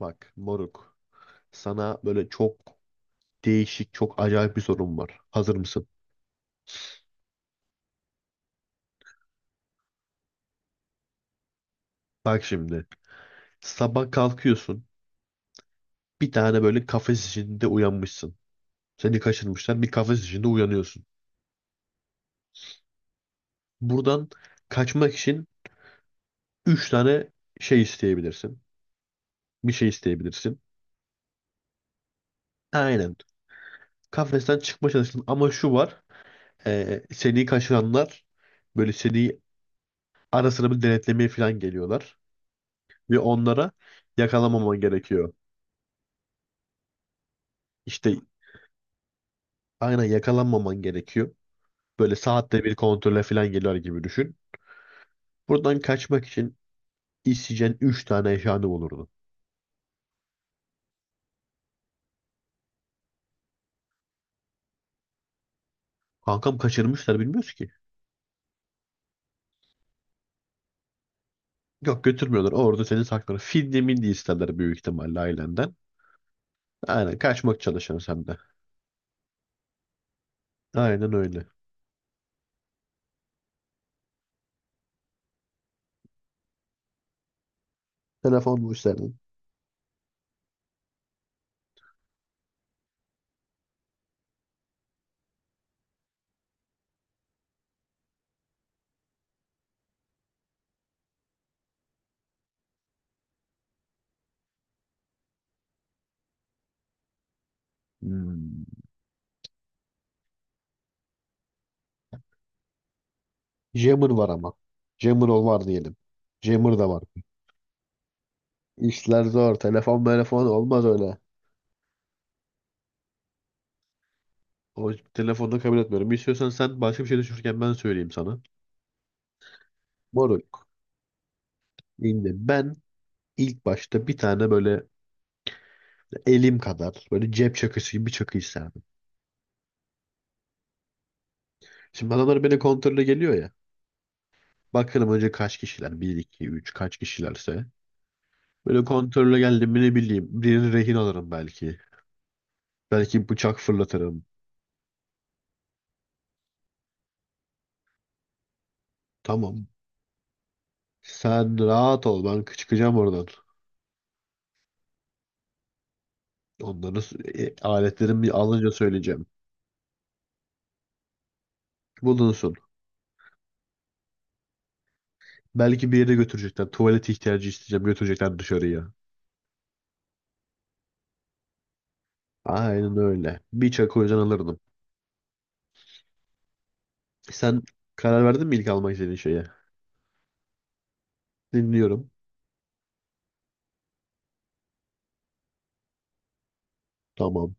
Bak moruk. Sana böyle çok değişik, çok acayip bir sorum var. Hazır mısın? Bak şimdi. Sabah kalkıyorsun. Bir tane böyle kafes içinde uyanmışsın. Seni kaçırmışlar. Bir kafes içinde uyanıyorsun. Buradan kaçmak için 3 tane şey isteyebilirsin. Bir şey isteyebilirsin. Aynen. Kafesten çıkma çalıştın ama şu var. Seni kaçıranlar böyle seni ara sıra bir denetlemeye falan geliyorlar. Ve onlara yakalamaman gerekiyor. İşte, aynen, yakalanmaman gerekiyor. Böyle saatte bir kontrole falan geliyor gibi düşün. Buradan kaçmak için isteyeceğin 3 tane eşyanı olurdu. Kankam kaçırmışlar bilmiyoruz ki. Yok götürmüyorlar. Orada seni saklar. Fidye milli isterler büyük ihtimalle ailenden. Aynen kaçmak çalışıyorsun sen de. Aynen öyle. Telefon mu isterdin? Hmm. Jammer var ama. Jammer ol var diyelim. Jammer da var. İşler zor. Telefon olmaz öyle. O telefonu kabul etmiyorum. İstiyorsan sen başka bir şey düşünürken ben söyleyeyim sana. Moruk. Şimdi ben ilk başta bir tane böyle elim kadar böyle cep çakısı gibi bir çakı isterdim. Şimdi adamlar beni kontrole geliyor ya. Bakalım önce kaç kişiler? Bir 2 3 kaç kişilerse. Böyle kontrole geldim mi ne bileyim. Birini rehin alırım belki. Belki bıçak fırlatırım. Tamam. Sen rahat ol ben çıkacağım oradan. Onları aletlerimi alınca söyleyeceğim. Bulunsun. Belki bir yere götürecekler. Tuvalet ihtiyacı isteyeceğim götürecekler dışarıya. Aynen öyle. Bir çakı o yüzden alırdım. Sen karar verdin mi ilk almak istediğin şeye? Dinliyorum. Tamam.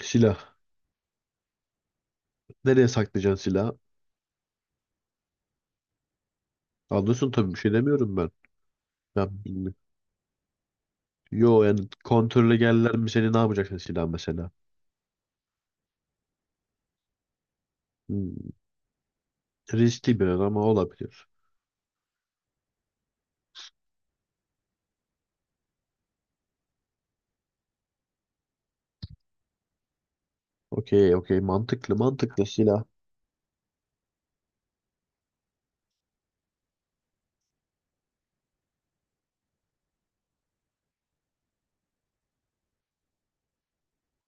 Silah. Nereye saklayacaksın silahı? Anlıyorsun tabii bir şey demiyorum ben. Ben bilmiyorum. Yo yani kontrole geldiler mi seni ne yapacaksın silah mesela? Hmm. Riskli biraz ama olabilir. Okey okey, mantıklı mantıklı silah.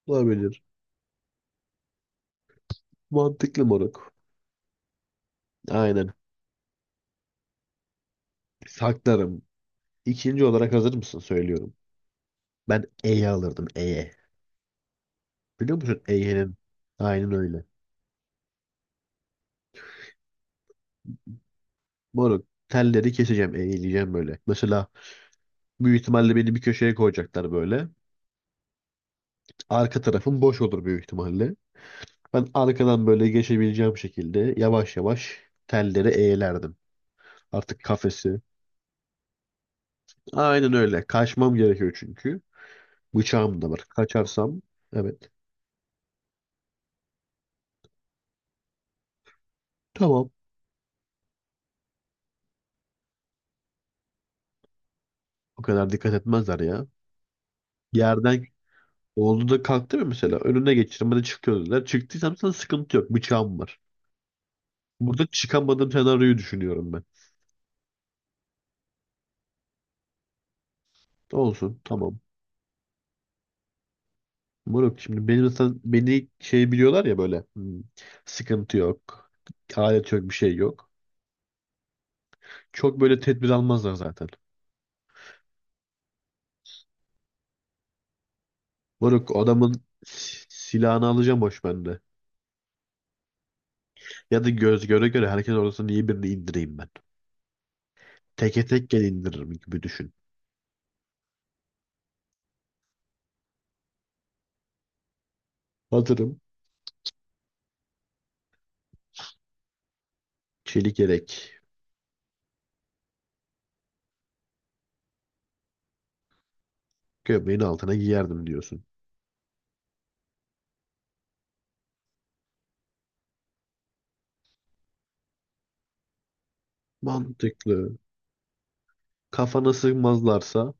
Olabilir. Mantıklı moruk. Aynen. Saklarım. İkinci olarak hazır mısın söylüyorum. Ben E'ye alırdım, E'ye. Biliyor musun E'nin? Aynen öyle. Moruk telleri keseceğim, eğileceğim böyle. Mesela büyük ihtimalle beni bir köşeye koyacaklar böyle. Arka tarafım boş olur büyük ihtimalle. Ben arkadan böyle geçebileceğim şekilde yavaş yavaş telleri eğlerdim. Artık kafesi. Aynen öyle. Kaçmam gerekiyor çünkü. Bıçağım da var. Kaçarsam evet. Tamam. O kadar dikkat etmezler ya. Yerden oldu da kalktı mı mesela? Önüne geçirim. Hadi çık dediler. Çıktıysam sana sıkıntı yok. Bıçağım var. Burada çıkamadığım senaryoyu düşünüyorum ben. Olsun. Tamam. Moruk şimdi beni mesela beni biliyorlar ya böyle, hmm, sıkıntı yok. Alet yok bir şey yok. Çok böyle tedbir almazlar zaten. Moruk o adamın silahını alacağım boş bende. Ya da göz göre göre herkes orasını iyi birini indireyim ben. Teke tek gel indiririm gibi düşün. Hazırım. Çelik yelek. Gömleğin altına giyerdim diyorsun. Mantıklı. Kafana sıkmazlarsa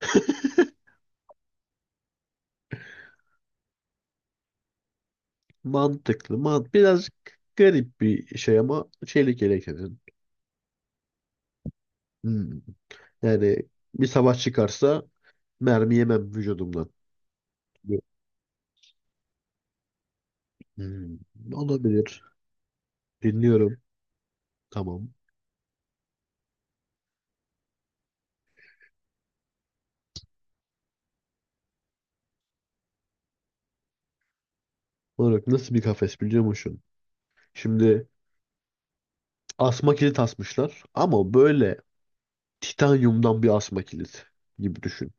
mantıklı. Man birazcık garip bir şey ama çelik yelek dedin. Hmm. Yani bir savaş çıkarsa mermi yemem vücudumdan. Hmm, olabilir. Dinliyorum. Tamam. Olarak nasıl bir kafes biliyor musun? Şimdi asma kilit asmışlar ama böyle titanyumdan bir asma kilit gibi düşün.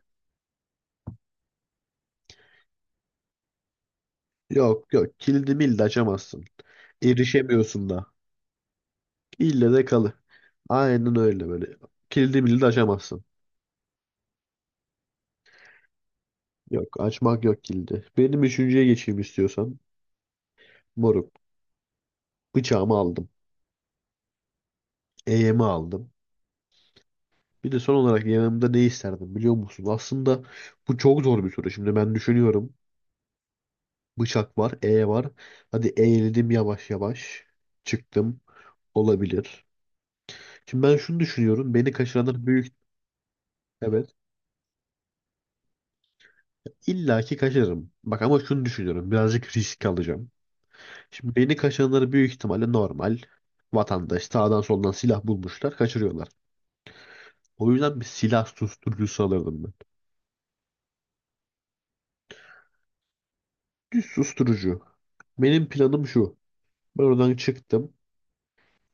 Yok yok kilidi mildi açamazsın. Erişemiyorsun da. İlle de kalı. Aynen öyle böyle. Kilidi mildi açamazsın. Yok açmak yok kilidi. Benim üçüncüye geçeyim istiyorsan. Moruk. Bıçağımı aldım. Eğimi aldım. Bir de son olarak yanımda ne isterdim biliyor musun? Aslında bu çok zor bir soru. Şimdi ben düşünüyorum. Bıçak var, E var. Hadi eğildim yavaş yavaş. Çıktım. Olabilir. Şimdi ben şunu düşünüyorum. Beni kaçıranlar büyük. Evet. illaki ki kaçırırım. Bak ama şunu düşünüyorum. Birazcık risk alacağım. Şimdi beni kaçıranları büyük ihtimalle normal vatandaş sağdan soldan silah bulmuşlar. Kaçırıyorlar. O yüzden bir silah susturucusu alırdım ben. Bir susturucu. Benim planım şu. Ben oradan çıktım.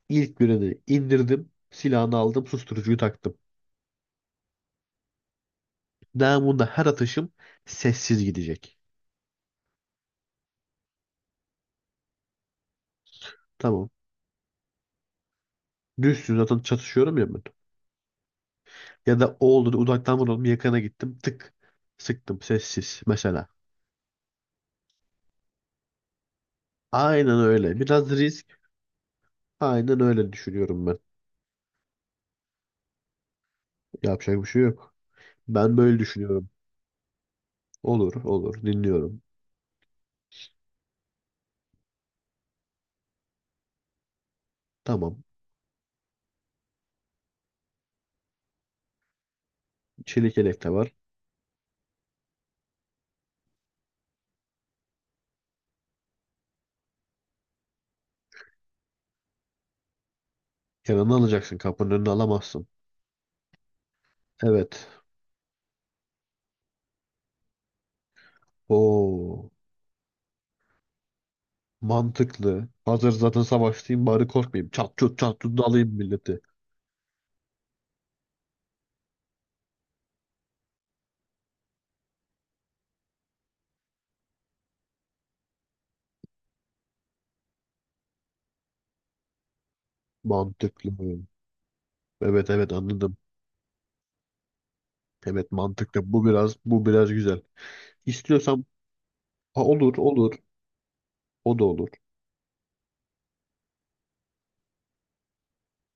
İlk birini indirdim. Silahını aldım. Susturucuyu taktım. Namunda her atışım sessiz gidecek. Tamam. Düşsün zaten çatışıyorum ya ben. Ya da o oldu da uzaktan vurdum yakana gittim. Tık. Sıktım sessiz mesela. Aynen öyle. Biraz risk. Aynen öyle düşünüyorum ben. Yapacak bir şey yok. Ben böyle düşünüyorum. Olur olur dinliyorum. Tamam. Çelik yelek de var. Yanına alacaksın kapının önüne alamazsın. Evet. Oo. Mantıklı. Hazır zaten savaştayım bari korkmayayım. Çat çut çat çut dalayım milleti. Mantıklı. Evet evet anladım. Evet mantıklı. Bu biraz güzel. İstiyorsam, ha, olur olur. O da olur.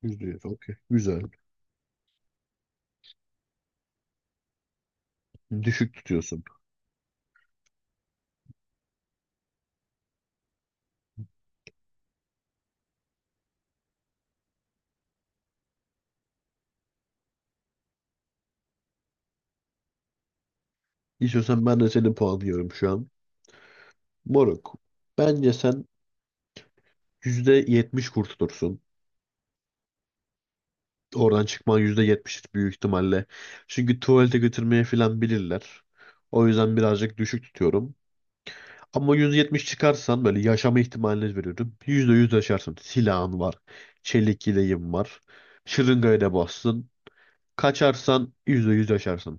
Yüzde yüz. Okey. Güzel. Düşük tutuyorsun. İstiyorsan ben de senin puanlıyorum şu an. Moruk. Bence sen %70 kurtulursun. Oradan çıkman %70 büyük ihtimalle. Çünkü tuvalete götürmeye falan bilirler. O yüzden birazcık düşük tutuyorum. Ama %70 çıkarsan böyle yaşama ihtimalini veriyorum. %100 yaşarsın. Silahın var. Çelik yeleğin var. Şırıngaya da bassın. Kaçarsan %100 yaşarsın.